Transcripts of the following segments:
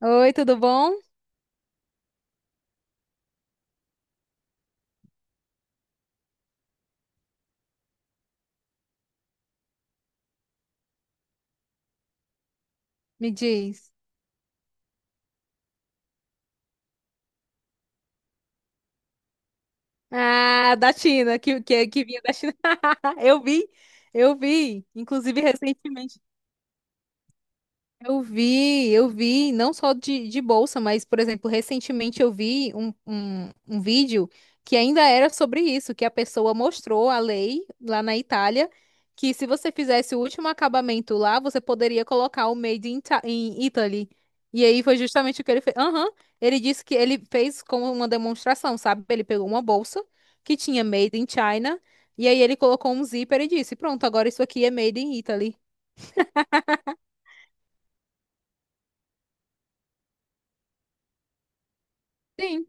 Oi, tudo bom? Me diz. Ah, da China, que vinha da China. Eu vi, eu vi. Inclusive, recentemente. Eu vi, não só de bolsa, mas, por exemplo, recentemente eu vi um vídeo que ainda era sobre isso, que a pessoa mostrou a lei lá na Itália, que se você fizesse o último acabamento lá, você poderia colocar o Made in, in Italy. E aí foi justamente o que ele fez. Aham, ele disse que ele fez como uma demonstração, sabe? Ele pegou uma bolsa que tinha Made in China, e aí ele colocou um zíper e disse, pronto, agora isso aqui é Made in Italy. Sim.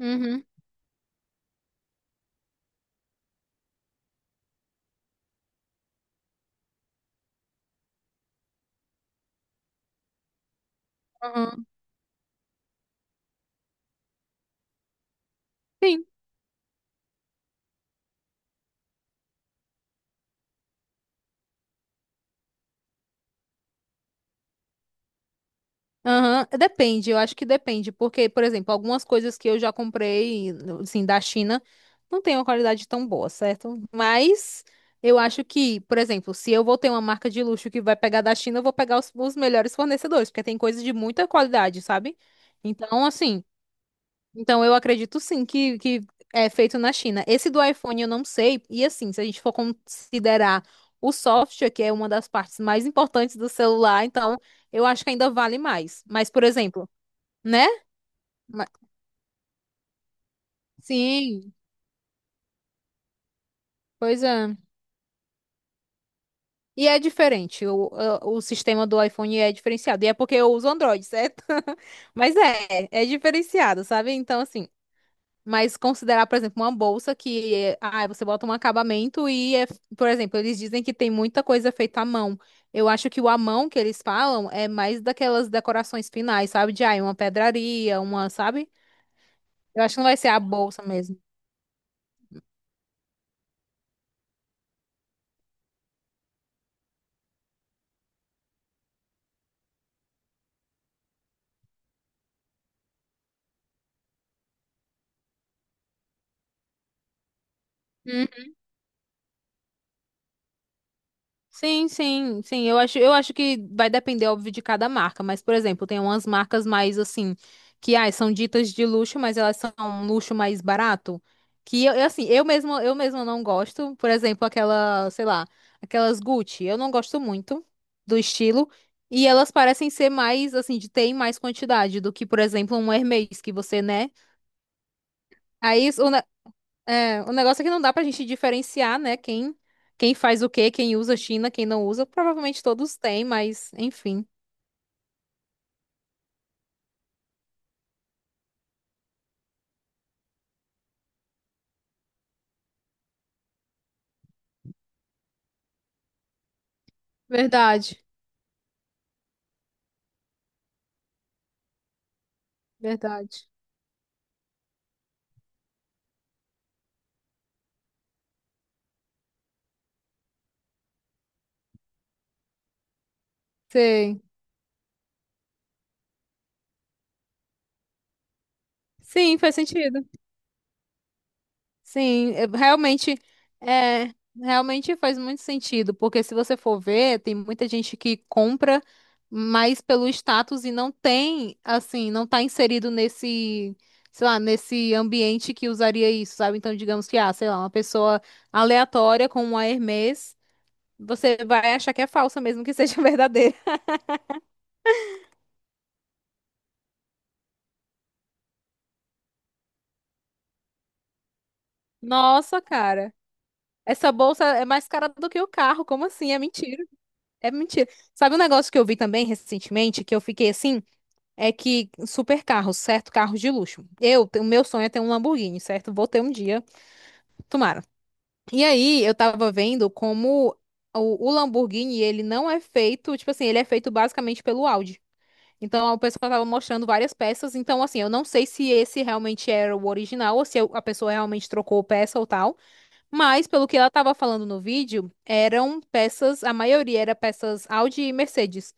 Uhum. Aham. Sim. Aham, depende, eu acho que depende, porque, por exemplo, algumas coisas que eu já comprei, assim, da China, não tem uma qualidade tão boa, certo? Mas eu acho que, por exemplo, se eu vou ter uma marca de luxo que vai pegar da China, eu vou pegar os melhores fornecedores, porque tem coisa de muita qualidade, sabe? Então, assim, então, eu acredito sim que é feito na China. Esse do iPhone eu não sei. E assim, se a gente for considerar o software, que é uma das partes mais importantes do celular, então eu acho que ainda vale mais. Mas, por exemplo, né? Ma- Sim, pois é. E é diferente. O sistema do iPhone é diferenciado. E é porque eu uso Android, certo? Mas é, é diferenciado, sabe? Então, assim. Mas considerar, por exemplo, uma bolsa que é- ah, você bota um acabamento e é, por exemplo, eles dizem que tem muita coisa feita à mão. Eu acho que o à mão que eles falam é mais daquelas decorações finais, sabe? De ah, uma pedraria, uma, sabe? Eu acho que não vai ser a bolsa mesmo. Sim, sim, sim. Eu acho que vai depender, óbvio, de cada marca. Mas, por exemplo, tem umas marcas mais assim, que ai, são ditas de luxo, mas elas são um luxo mais barato. Que eu, assim, eu mesma não gosto. Por exemplo, aquela, sei lá, aquelas Gucci. Eu não gosto muito do estilo. E elas parecem ser mais, assim, de ter em mais quantidade do que, por exemplo, um Hermès, que você, né? Aí, isso- é, o negócio é que não dá pra gente diferenciar, né? Quem, quem faz o quê, quem usa China, quem não usa. Provavelmente todos têm, mas enfim. Verdade, verdade. Sei. Sim, faz sentido. Sim, é, realmente faz muito sentido, porque se você for ver, tem muita gente que compra mais pelo status e não tem, assim, não tá inserido nesse, sei lá, nesse ambiente que usaria isso, sabe? Então, digamos que, ah, sei lá, uma pessoa aleatória com uma Hermès, você vai achar que é falsa mesmo que seja verdadeira. Nossa, cara, essa bolsa é mais cara do que o carro, como assim? É mentira. É mentira. Sabe um negócio que eu vi também recentemente, que eu fiquei assim, é que super carros, certo? Carros de luxo. Eu, o meu sonho é ter um Lamborghini, certo? Vou ter um dia, tomara. E aí, eu tava vendo como o Lamborghini, ele não é feito, tipo assim, ele é feito basicamente pelo Audi. Então, a pessoa tava mostrando várias peças. Então, assim, eu não sei se esse realmente era o original ou se a pessoa realmente trocou peça ou tal. Mas, pelo que ela tava falando no vídeo, eram peças, a maioria era peças Audi e Mercedes.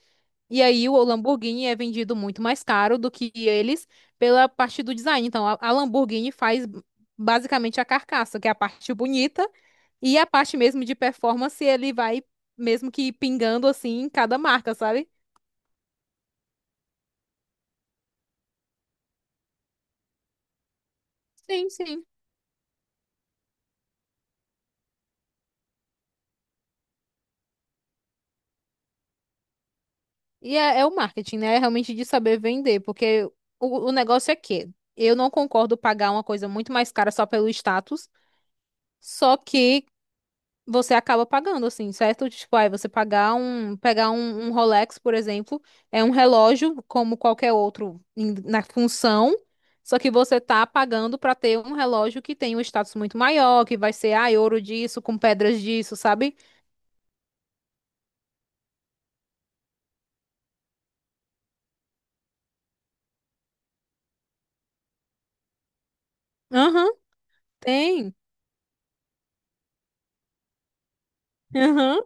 E aí o Lamborghini é vendido muito mais caro do que eles pela parte do design. Então a Lamborghini faz basicamente a carcaça, que é a parte bonita, e a parte mesmo de performance ele vai mesmo que pingando assim em cada marca, sabe? Sim, sim. E é, é o marketing, né? É realmente de saber vender, porque o negócio é que eu não concordo pagar uma coisa muito mais cara só pelo status, só que você acaba pagando, assim, certo? Tipo, aí você pagar um, pegar um, um Rolex, por exemplo, é um relógio como qualquer outro na função, só que você tá pagando pra ter um relógio que tem um status muito maior, que vai ser, ah, ouro disso, com pedras disso, sabe? Aham, tem. Aham.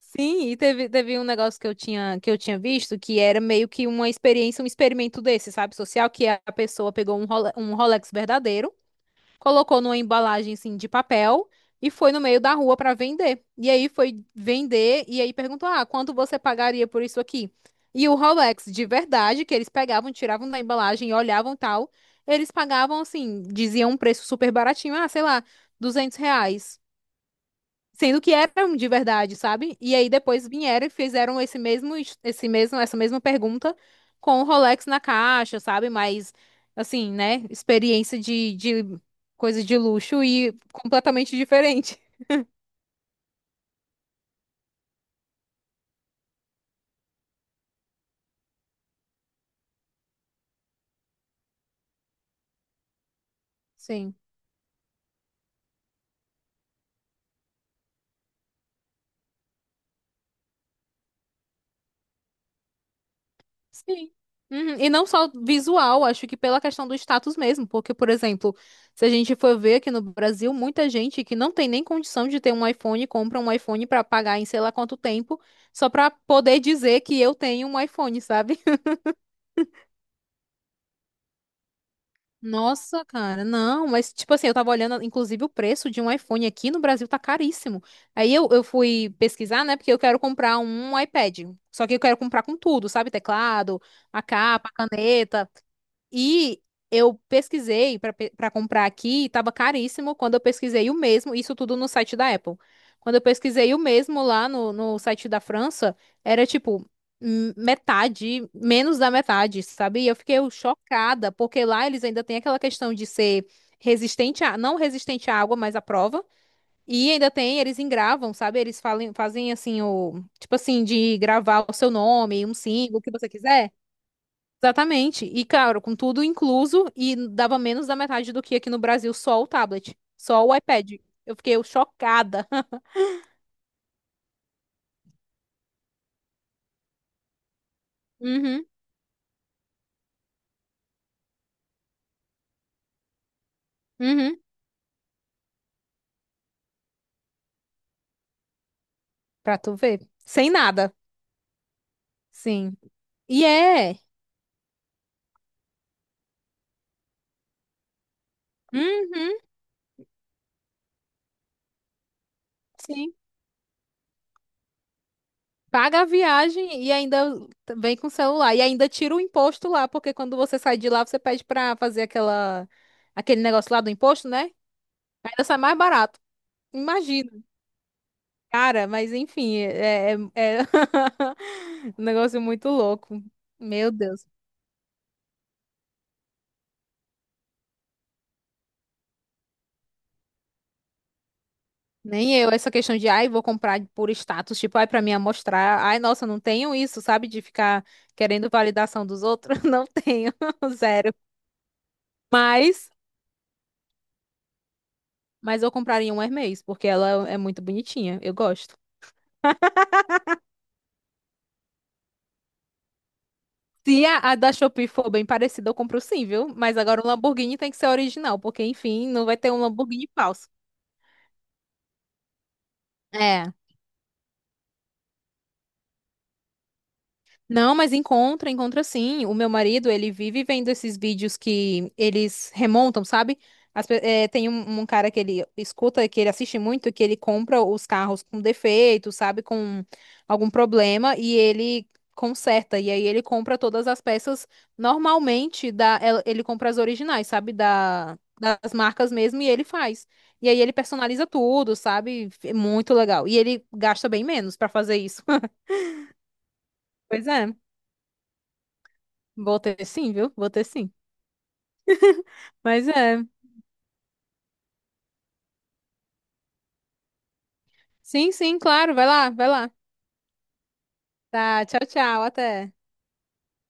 Sim, e teve, teve um negócio que eu tinha visto que era meio que uma experiência, um experimento desse, sabe, social, que a pessoa pegou um um Rolex verdadeiro, colocou numa embalagem assim de papel e foi no meio da rua para vender. E aí foi vender e aí perguntou: "Ah, quanto você pagaria por isso aqui?" E o Rolex de verdade que eles pegavam, tiravam da embalagem e olhavam tal, eles pagavam assim, diziam um preço super baratinho, ah, sei lá, R$ 200. Sendo que eram de verdade, sabe? E aí depois vieram e fizeram esse mesmo, esse mesmo, essa mesma pergunta com o Rolex na caixa, sabe? Mas, assim, né? Experiência de coisa de luxo e completamente diferente. Sim. Sim. Uhum, e não só visual, acho que pela questão do status mesmo, porque, por exemplo, se a gente for ver aqui no Brasil, muita gente que não tem nem condição de ter um iPhone, compra um iPhone pra pagar em sei lá quanto tempo, só pra poder dizer que eu tenho um iPhone, sabe? Nossa, cara, não, mas tipo assim, eu tava olhando, inclusive, o preço de um iPhone aqui no Brasil tá caríssimo. Aí eu fui pesquisar, né, porque eu quero comprar um iPad. Só que eu quero comprar com tudo, sabe? Teclado, a capa, a caneta. E eu pesquisei para comprar aqui, e tava caríssimo. Quando eu pesquisei o mesmo, isso tudo no site da Apple. Quando eu pesquisei o mesmo lá no, no site da França, era tipo metade, menos da metade, sabe? E eu fiquei chocada, porque lá eles ainda têm aquela questão de ser resistente a, não resistente à água, mas à prova. E ainda tem, eles engravam, sabe? Eles falem, fazem assim o, tipo assim, de gravar o seu nome, um símbolo, o que você quiser. Exatamente. E claro, com tudo incluso, e dava menos da metade do que aqui no Brasil, só o tablet, só o iPad. Eu fiquei chocada. Uhum, uhum. Pra tu ver. Sem nada. Sim. E é. Uhum, sim. Paga a viagem e ainda vem com o celular. E ainda tira o imposto lá, porque quando você sai de lá, você pede pra fazer aquela, aquele negócio lá do imposto, né? Ainda sai mais barato. Imagina. Cara, mas enfim, é, é, é um negócio muito louco. Meu Deus. Nem eu, essa questão de, ai, vou comprar por status, tipo, ai, pra me mostrar. Ai, nossa, não tenho isso, sabe? De ficar querendo validação dos outros. Não tenho, zero. Mas, mas eu compraria um Hermès, porque ela é muito bonitinha. Eu gosto. Se a, a da Shopee for bem parecida, eu compro sim, viu? Mas agora o Lamborghini tem que ser original, porque, enfim, não vai ter um Lamborghini falso. É. Não, mas encontra, encontra sim. O meu marido, ele vive vendo esses vídeos que eles remontam, sabe? Tem um, um cara que ele escuta, que ele assiste muito, que ele compra os carros com defeito, sabe? Com algum problema e ele conserta. E aí ele compra todas as peças normalmente da, ele compra as originais, sabe? Da, das marcas mesmo e ele faz. E aí ele personaliza tudo, sabe? É muito legal. E ele gasta bem menos pra fazer isso. Pois é. Vou ter sim, viu? Vou ter sim. Mas é. Sim, sim, claro. Vai lá, vai lá. Tá, tchau, tchau. Até.